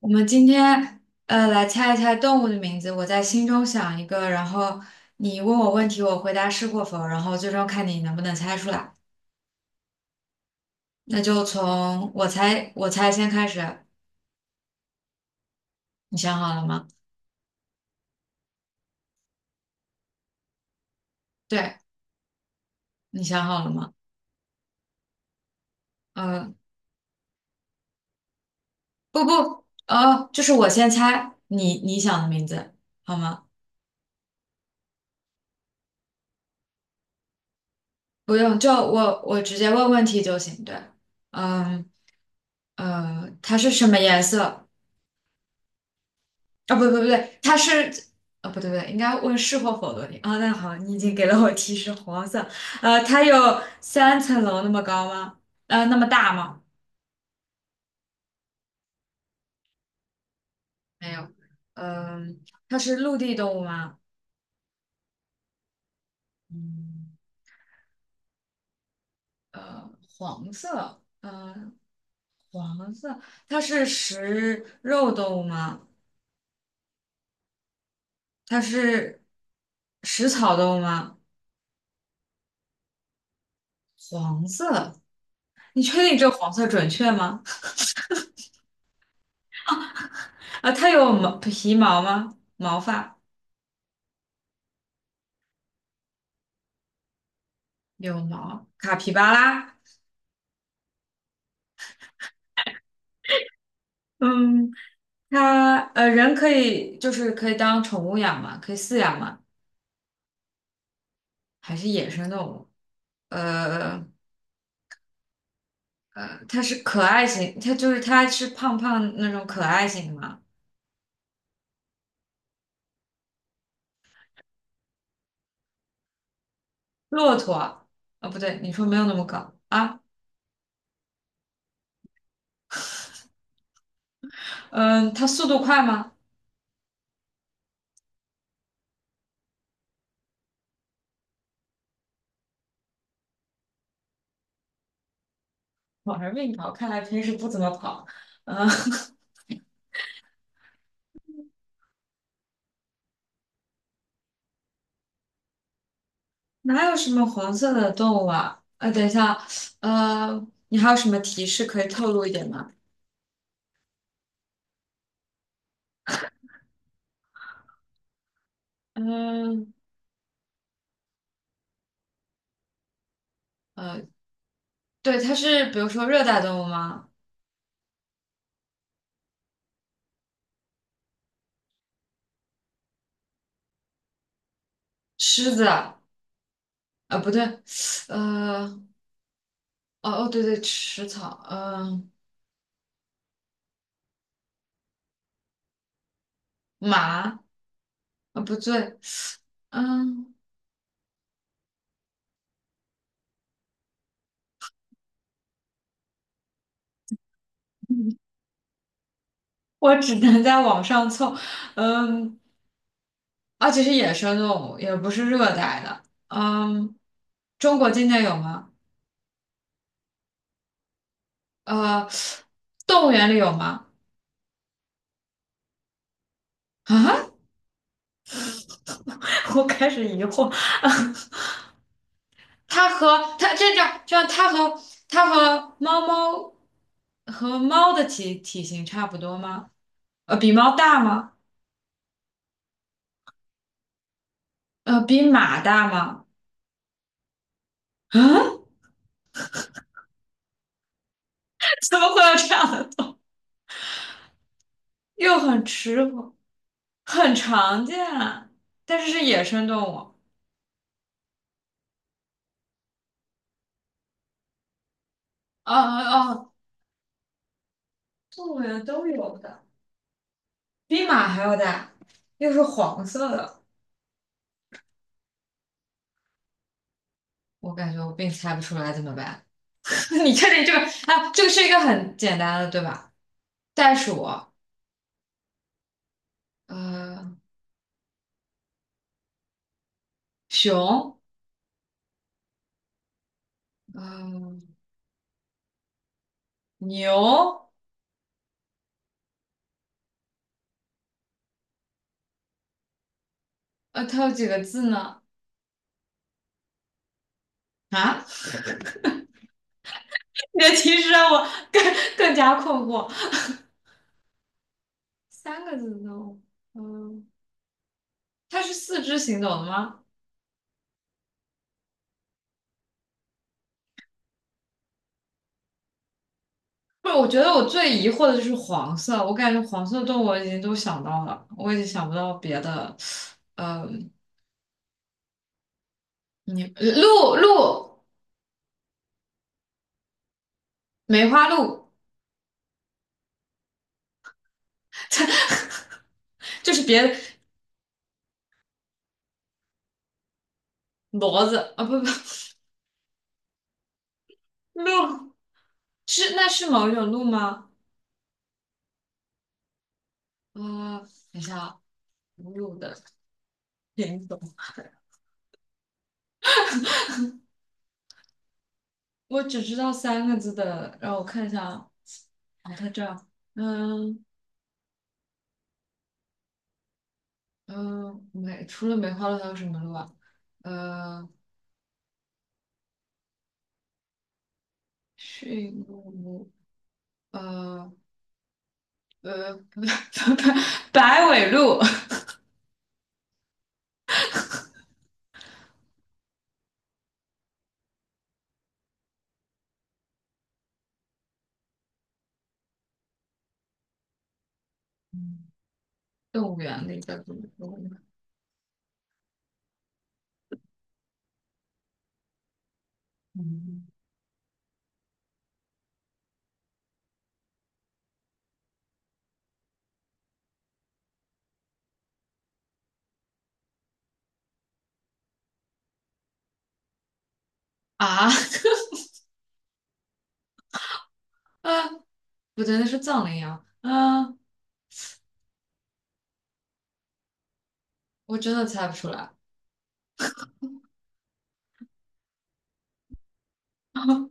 我们今天来猜一猜动物的名字，我在心中想一个，然后你问我问题，我回答是或否，然后最终看你能不能猜出来。那就从我猜先开始，你想好了吗？对，你想好了吗？嗯，不不，哦，就是我先猜你想的名字，好吗？不用，就我直接问问题就行。对，嗯，它是什么颜色？啊，不不不对，啊，不对不对，应该问是或否的问题啊。那好，你已经给了我提示，黄色。它有三层楼那么高吗？那么大吗？没有。嗯，它是陆地动物吗？嗯，呃，黄色，嗯，黄色，它是食肉动物吗？它是食草动物吗？黄色，你确定这个黄色准确吗？啊，它有皮毛吗？毛发？有毛，卡皮巴拉。嗯，它人可以就是可以当宠物养嘛，可以饲养嘛，还是野生动物？呃它是可爱型，它就是它是胖胖那种可爱型的嘛。骆驼啊，哦不对，你说没有那么高啊？嗯，它速度快吗？我还是慢跑，看来平时不怎么跑。嗯，哪有什么黄色的动物啊？等一下，你还有什么提示可以透露一点吗？嗯。呃。对，它是比如说热带动物吗？狮子啊，不对，呃，哦哦，对对，食草，嗯，马啊，不对，嗯，我只能在网上凑，嗯，而且是野生动物，也不是热带的，嗯，中国境内有吗？呃，动物园里有吗？啊，我开始疑惑，它和它这叫这样它和它和猫猫和猫的体型差不多吗？比猫大吗？比马大吗？啊，怎么会有这样的动物？又很吃苦，很常见啊，但是是野生动物。啊啊啊！动物园都有的，比马还要大，又是黄色的。我感觉我并猜不出来怎么办？你确定这个啊？这个是一个很简单的，对吧？袋鼠，呃，熊，呃，牛，它有几个字呢？啊，你的提示让我更更加困惑。三个字动物，嗯，它是四肢行走的吗？不是，我觉得我最疑惑的就是黄色，我感觉黄色动物我已经都想到了，我已经想不到别的，嗯，你梅花鹿就是别的骡子啊，不不，鹿是那是某一种鹿吗？啊，等一下啊，鹿的品种，我只知道三个字的，让我看一下啊，哦，它这儿，嗯，嗯，除了梅花鹿还有什么鹿啊？呃，驯鹿，呃不不不，白尾鹿，动物园里的鹿，嗯，啊， 啊，不对，那是藏羚羊，啊，我真的猜不出来，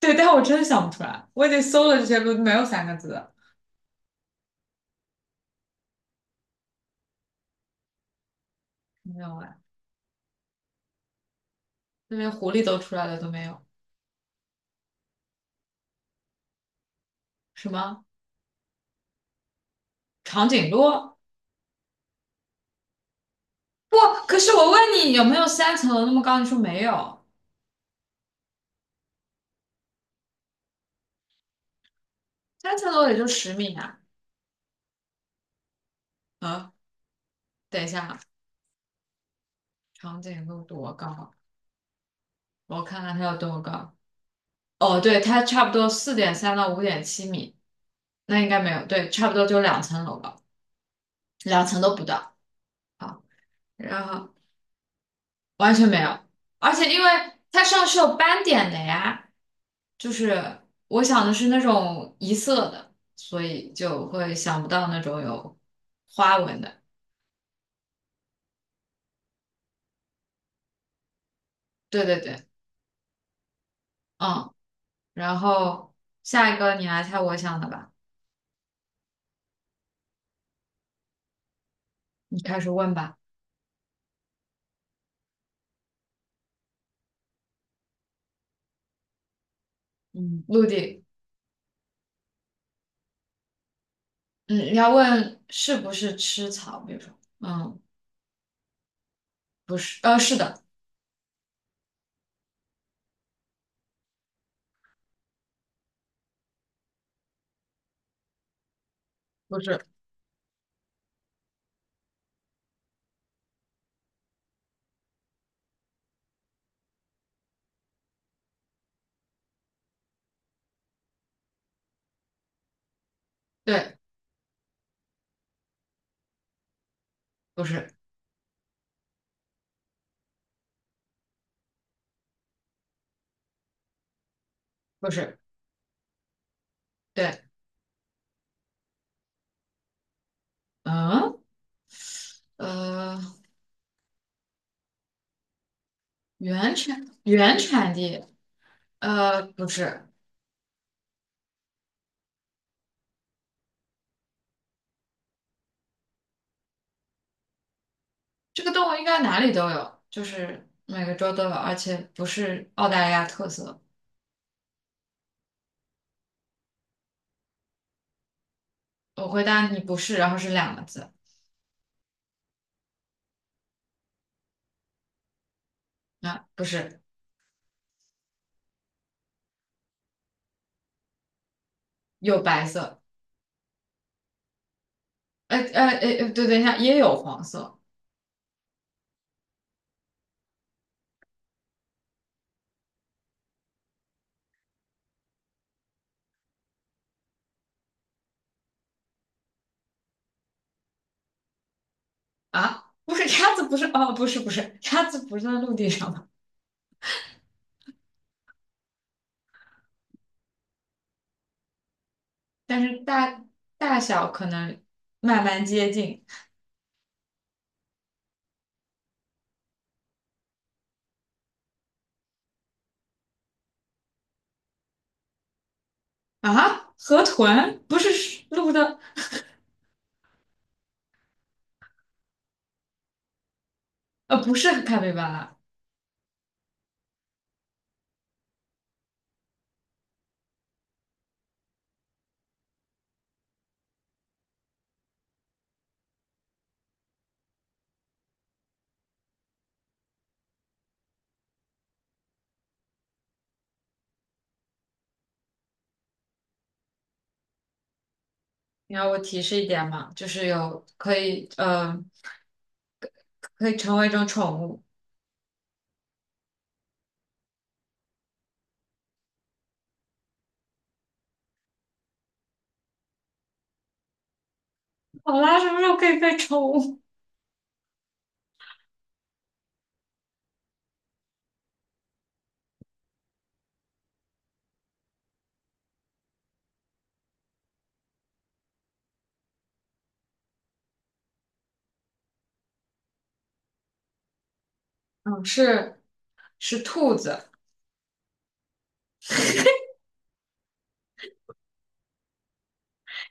对，但我真的想不出来，我已经搜了这些鹿，没有三个字的，没有哎，这连狐狸都出来了都没有，什么长颈鹿？不，可是我问你有没有三层楼那么高，你说没有，三层楼也就10米啊，啊，等一下啊，长颈鹿多高？我看看它有多高。哦，对，它差不多4.3到5.7米，那应该没有，对，差不多就2层楼高，两层都不到。好，然后完全没有，而且因为它上是有斑点的呀，就是我想的是那种一色的，所以就会想不到那种有花纹的。对对对，嗯，然后下一个你来猜我想的吧，你开始问吧。嗯，陆地。嗯，你要问是不是吃草，比如说，嗯，不是，是的，不是，对，不是，不是，对，嗯，呃，原产地，不是，这个动物应该哪里都有，就是每个州都有，而且不是澳大利亚特色。我回答你不是，然后是2个字，啊，不是，有白色，呃呃呃，对，等一下，也有黄色。啊，不是鸭子，不是，哦，不是不是，鸭子不是在陆地上吗？但是大小可能慢慢接近啊。河豚不是鹿的，不是咖啡巴拉。你要我提示一点嘛，就是有可以，可以成为一种宠物。好啦，什么时候可以被宠物？嗯，是兔子，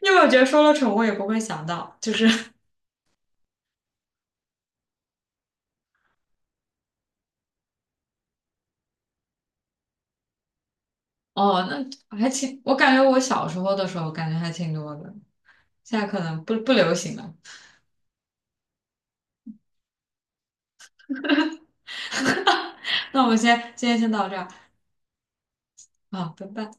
因为我觉得说了宠物也不会想到，就是 哦，那还挺，我感觉我小时候的时候感觉还挺多的，现在可能不流行了。那我们今天先到这儿啊，拜拜。